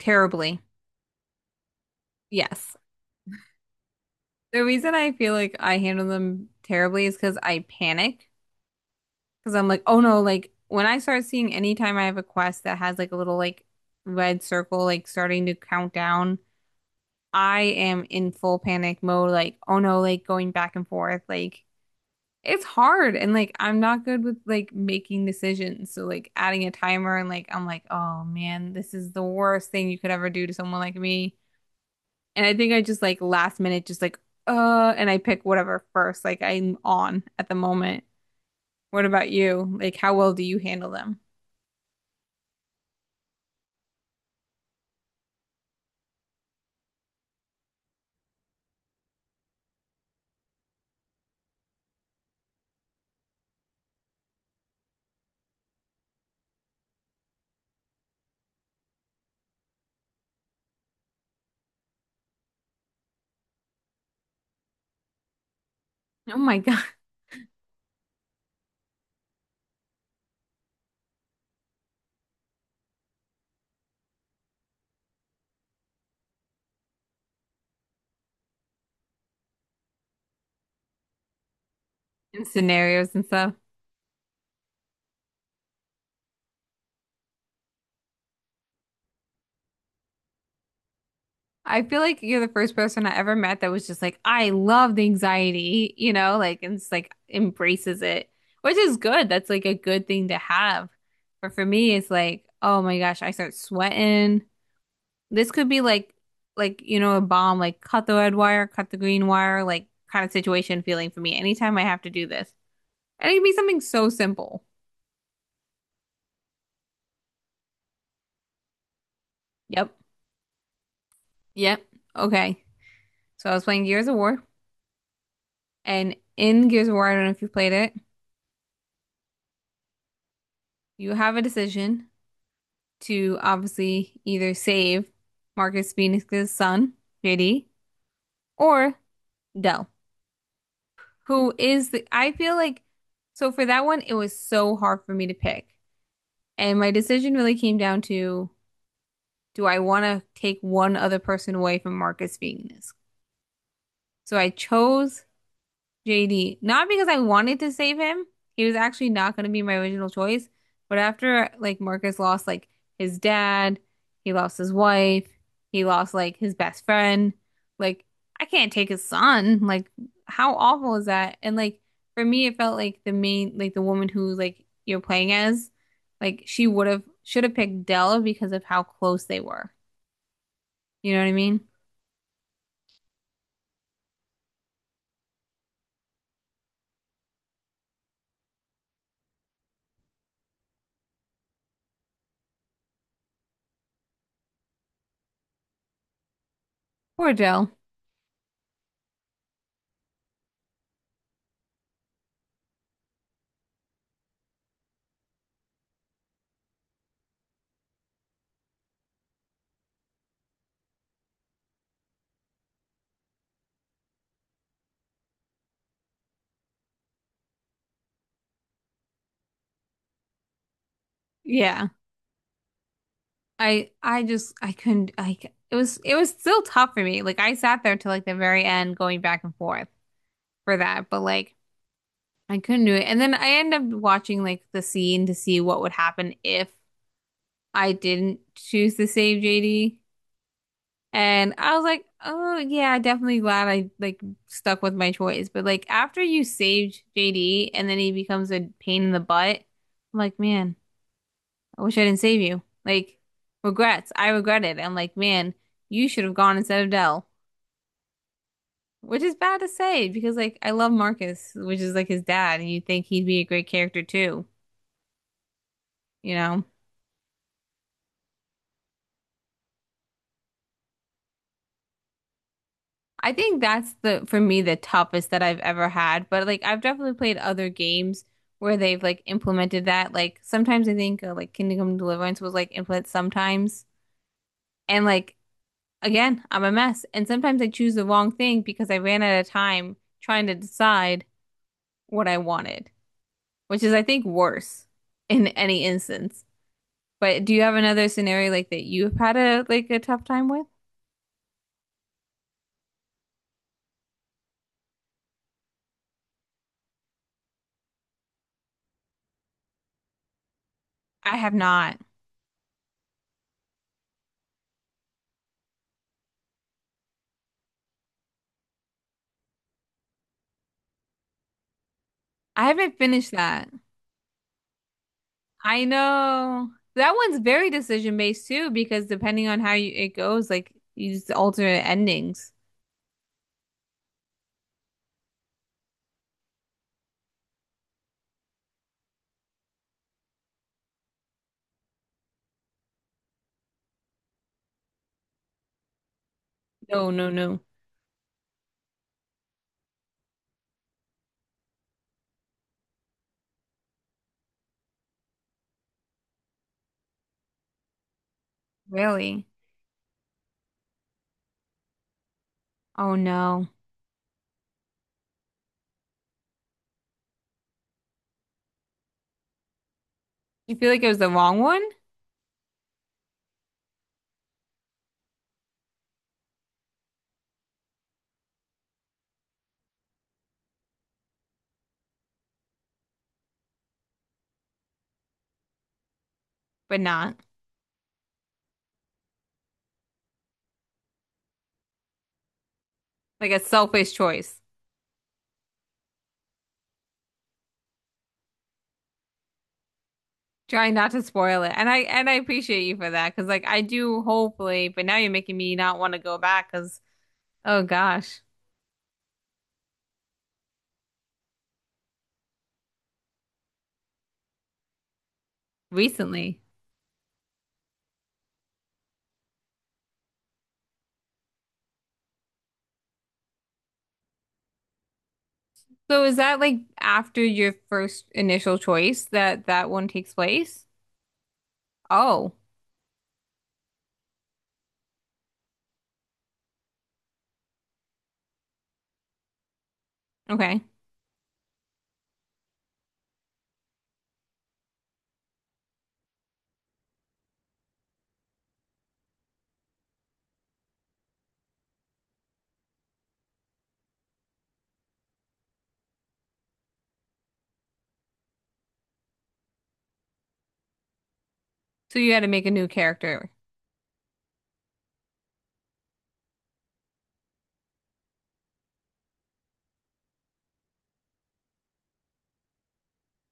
Terribly. Yes. The reason I feel like I handle them terribly is because I panic. Because I'm like, oh no, like when I start seeing anytime I have a quest that has like a little like red circle, like starting to count down, I am in full panic mode. Like, oh no, like going back and forth. Like, it's hard. And like, I'm not good with like making decisions. So like adding a timer and like, I'm like, oh man, this is the worst thing you could ever do to someone like me. And I think I just like last minute, just like, and I pick whatever first, like I'm on at the moment. What about you? Like, how well do you handle them? Oh my God. In scenarios and stuff. I feel like you're the first person I ever met that was just like, I love the anxiety, you know, like, and just like embraces it, which is good. That's like a good thing to have. But for me, it's like, oh my gosh, I start sweating. This could be like you know a bomb like cut the red wire, cut the green wire, like kind of situation feeling for me anytime I have to do this. And it could be something so simple. Yep. Yep. Okay. So I was playing Gears of War and in Gears of War, I don't know if you played it, you have a decision to obviously either save Marcus Phoenix's son, JD, or Dell, who is the I feel like so for that one it was so hard for me to pick. And my decision really came down to do I want to take one other person away from Marcus Venus? So I chose JD, not because I wanted to save him. He was actually not going to be my original choice. But after like Marcus lost like his dad, he lost his wife, he lost like his best friend. Like I can't take his son. Like how awful is that? And like for me, it felt like the main like the woman who like you're playing as, like she would have should have picked Dell because of how close they were. You know what I mean? Poor Jill. Yeah. I just I couldn't it was still tough for me. Like I sat there till like the very end going back and forth for that, but like I couldn't do it. And then I ended up watching like the scene to see what would happen if I didn't choose to save JD. And I was like, "Oh yeah, definitely glad I like stuck with my choice." But like after you saved JD and then he becomes a pain in the butt, I'm like, "Man, I wish I didn't save you. Like, regrets. I regret it. I'm like, man, you should have gone instead of Dell." Which is bad to say because, like, I love Marcus, which is like his dad, and you'd think he'd be a great character too, you know? I think that's the, for me, the toughest that I've ever had. But, like, I've definitely played other games where they've, like, implemented that. Like, sometimes I think, like, Kingdom Come Deliverance was, like, implemented sometimes. And, like, again, I'm a mess. And sometimes I choose the wrong thing because I ran out of time trying to decide what I wanted, which is, I think, worse in any instance. But do you have another scenario like that you've had a like a tough time with? I have not. I haven't finished that. I know that one's very decision based too, because depending on how you, it goes, like you just alter endings. No, no, no. Really? Oh no. You feel like it was the wrong one, but not like a selfish choice. Try not to spoil it. And I appreciate you for that because like I do hopefully, but now you're making me not want to go back because oh gosh, recently. So is that like after your first initial choice that that one takes place? Oh, okay. So you had to make a new character.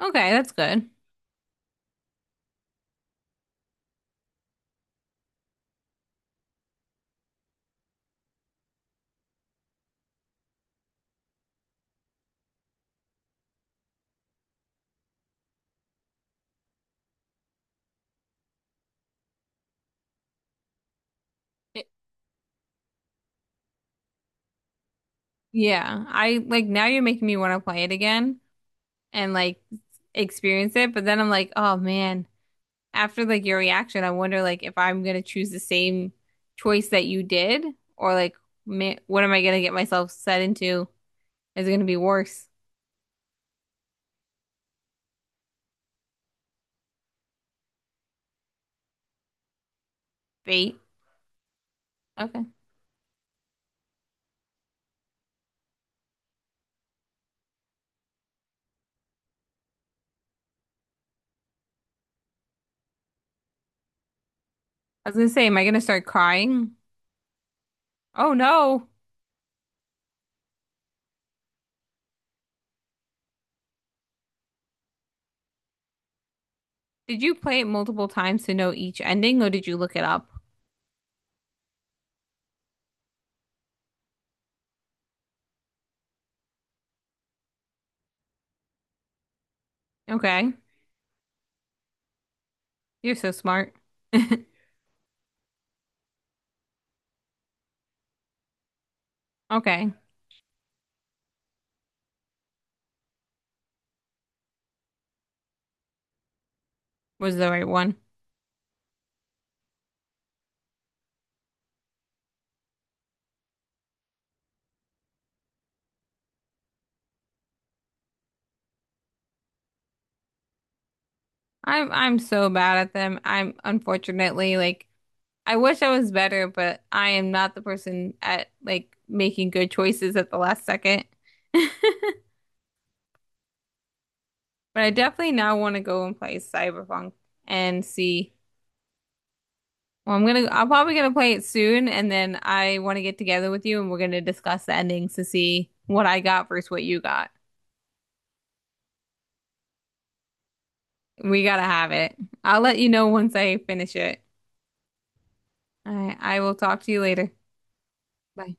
Okay, that's good. It- Yeah, I like now you're making me want to play it again and like experience it, but then I'm like, oh man, after like your reaction, I wonder like if I'm gonna choose the same choice that you did, or like ma what am I gonna get myself set into? Is it gonna be worse? Fate. Okay. I was gonna say, am I gonna start crying? Oh no! Did you play it multiple times to know each ending, or did you look it up? Okay, you're so smart. Okay, was the right one. I'm so bad at them. I'm unfortunately like I wish I was better, but I am not the person at like making good choices at the last second. But I definitely now want to go and play Cyberpunk and see. Well, I'm gonna, I'm probably gonna play it soon, and then I want to get together with you and we're gonna discuss the endings to see what I got versus what you got. We gotta have it. I'll let you know once I finish it. I will talk to you later. Bye.